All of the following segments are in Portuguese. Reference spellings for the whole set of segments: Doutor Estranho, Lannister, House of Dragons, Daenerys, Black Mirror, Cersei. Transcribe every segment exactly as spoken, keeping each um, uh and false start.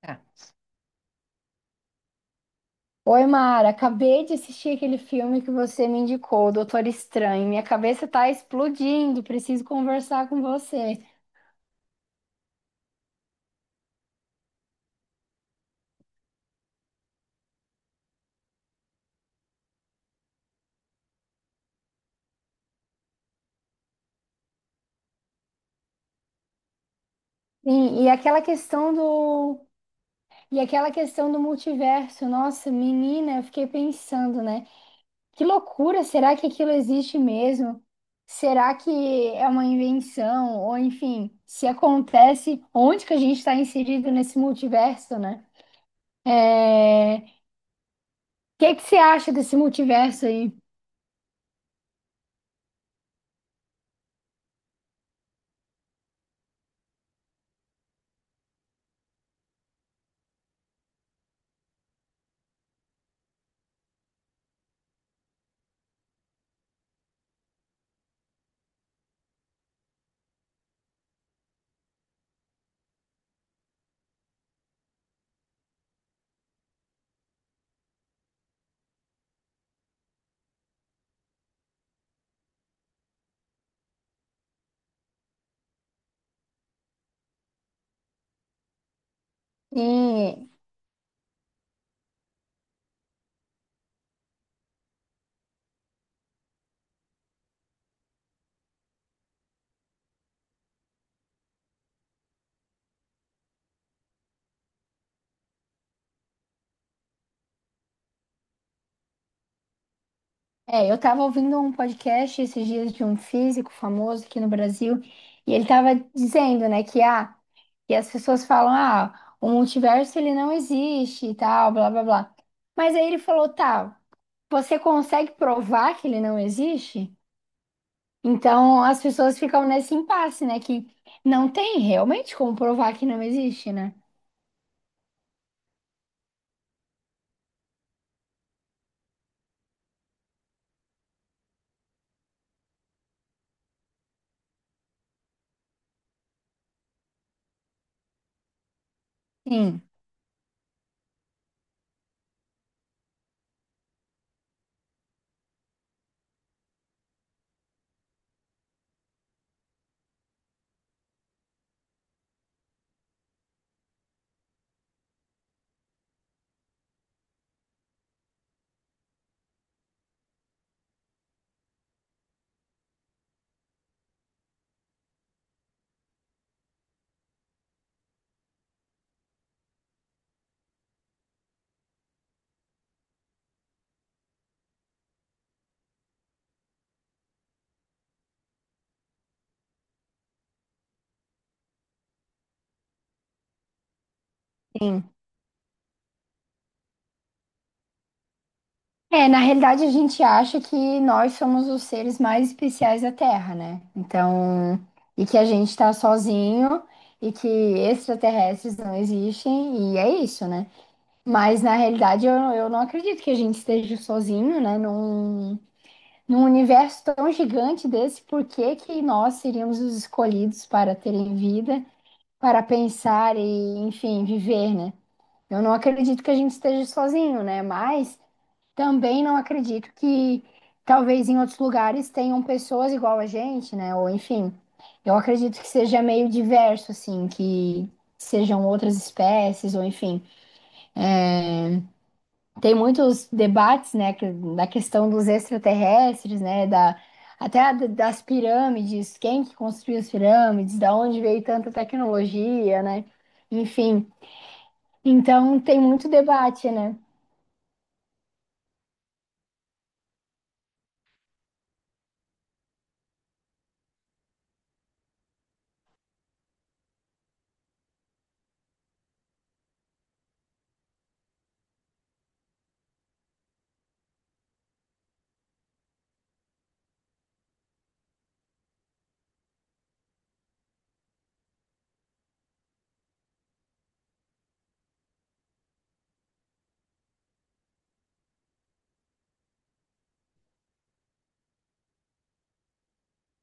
Tá. Oi, Mara, acabei de assistir aquele filme que você me indicou, Doutor Estranho. Minha cabeça tá explodindo, preciso conversar com você. Sim, e aquela questão do e aquela questão do multiverso, nossa, menina, eu fiquei pensando, né? Que loucura, será que aquilo existe mesmo? Será que é uma invenção? Ou enfim, se acontece, onde que a gente está inserido nesse multiverso, né? É... O que que você acha desse multiverso aí? Sim. É, eu estava ouvindo um podcast esses dias de um físico famoso aqui no Brasil, e ele estava dizendo, né, que, ah, que as pessoas falam, ah, o multiverso ele não existe e tal, blá blá blá. Mas aí ele falou, tá, você consegue provar que ele não existe? Então as pessoas ficam nesse impasse, né, que não tem realmente como provar que não existe, né? Sim. Sim. É, na realidade a gente acha que nós somos os seres mais especiais da Terra, né? Então, e que a gente tá sozinho e que extraterrestres não existem, e é isso, né? Mas na realidade eu, eu não acredito que a gente esteja sozinho, né? Num, num universo tão gigante desse, por que que nós seríamos os escolhidos para terem vida, para pensar e, enfim, viver, né? Eu não acredito que a gente esteja sozinho, né? Mas. Também não acredito que talvez em outros lugares tenham pessoas igual a gente, né? Ou enfim, eu acredito que seja meio diverso, assim, que sejam outras espécies, ou enfim. Tem muitos debates, né, que- da questão dos extraterrestres, né? Da, até a- das pirâmides, quem que construiu as pirâmides, da onde veio tanta tecnologia, né? Enfim, então tem muito debate, né?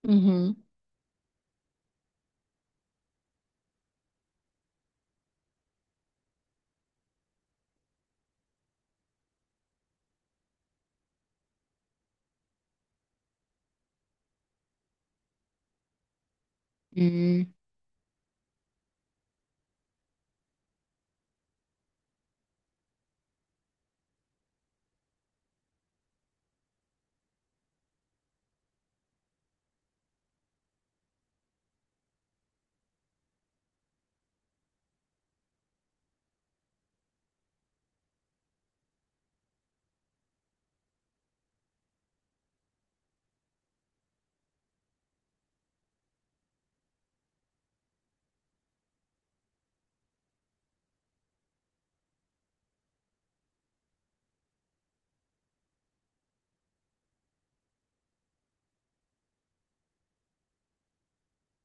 Uhum.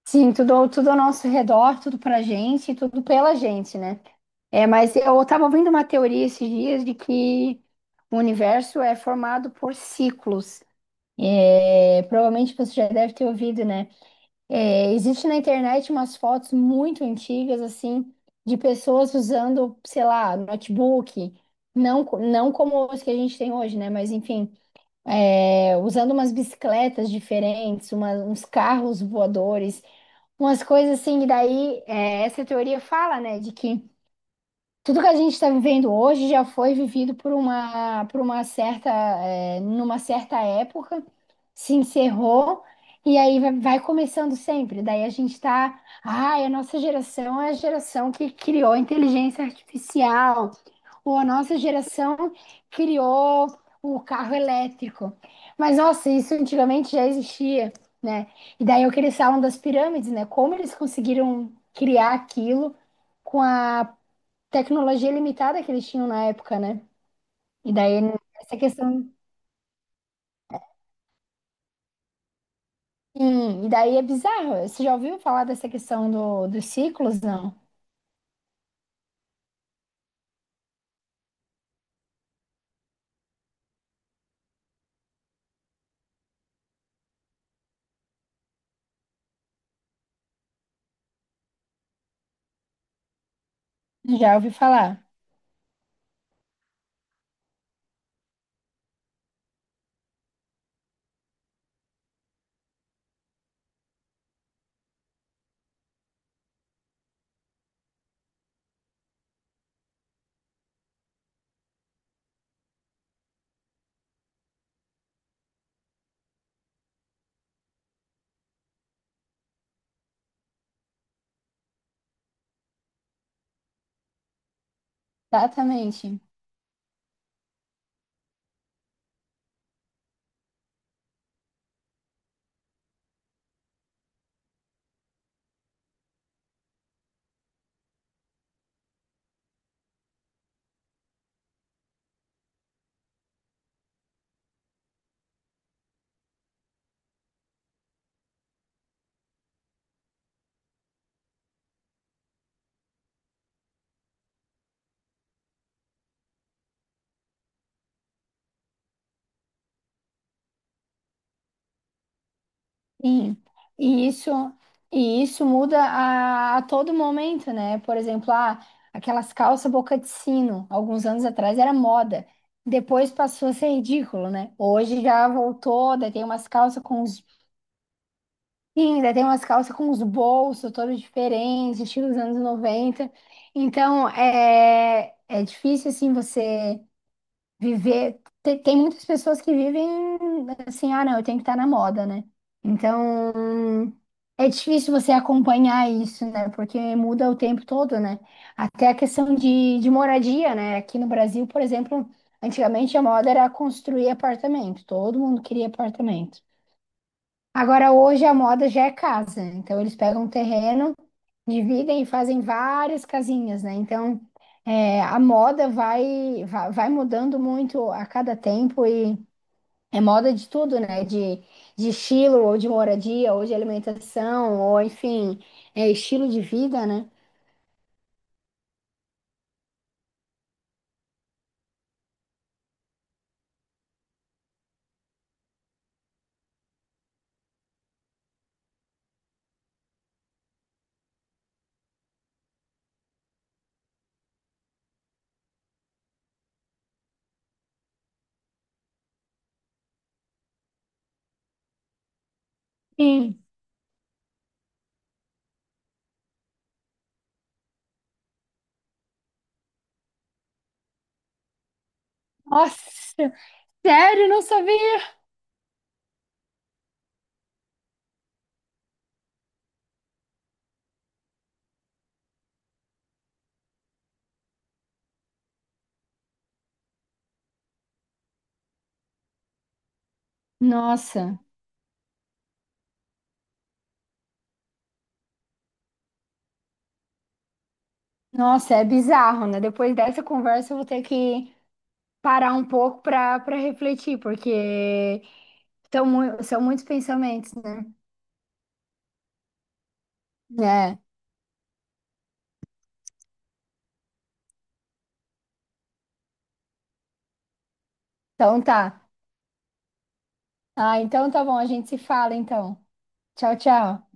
Sim, tudo, ao- tudo ao nosso redor, tudo pra gente, tudo pela gente, né? É, mas eu estava ouvindo uma teoria esses dias de que o universo é formado por ciclos. É, provavelmente você já deve ter ouvido, né? É, existe na internet umas fotos muito antigas, assim, de pessoas usando, sei lá, notebook, não, co- não como os que a gente tem hoje, né? Mas enfim, é, usando umas bicicletas diferentes, uma- uns carros voadores, umas coisas assim, e daí é, essa teoria fala, né, de que. Tudo que a gente está vivendo hoje já foi vivido por uma, por uma certa, é, numa certa época, se encerrou, e aí vai, vai começando sempre. Daí a gente está, ai, a nossa geração é a geração que criou a inteligência artificial, ou a nossa geração criou o carro elétrico. Mas, nossa, isso antigamente já existia, né? E daí eu que eles falam das pirâmides, né? Como eles conseguiram criar aquilo com a tecnologia limitada que eles tinham na época, né? E daí essa questão. Sim, e daí é bizarro. Você já ouviu falar dessa questão do, dos ciclos? Não. Já ouvi falar. Exatamente. Sim. E isso, e isso muda a, a todo momento, né? Por exemplo, ah, aquelas calças boca de sino, alguns anos atrás era moda. Depois passou a ser ridículo, né? Hoje já voltou, daí tem umas calças com uns... Sim, daí tem umas calças com os bolsos todos diferentes, estilo dos anos noventa. Então, é, é difícil, assim, você viver... Tem, tem muitas pessoas que vivem assim, ah, não, eu tenho que estar na moda, né? Então, é difícil você acompanhar isso, né? Porque muda o tempo todo, né? Até a questão de, de moradia, né? Aqui no Brasil, por exemplo, antigamente a moda era construir apartamento. Todo mundo queria apartamento. Agora, hoje a moda já é casa, então eles pegam um terreno, dividem e fazem várias casinhas, né? Então, é, a moda vai, vai, vai mudando muito a cada tempo e é moda de tudo, né? De, de estilo, ou de moradia, ou de alimentação, ou enfim, é estilo de vida, né? Sim. Nossa, sério, não sabia. Nossa, Nossa, é bizarro, né? Depois dessa conversa eu vou ter que parar um pouco para para refletir, porque são, mui- são muitos pensamentos, né? É, então tá. Ah, então tá bom, a gente se fala então. Tchau, tchau.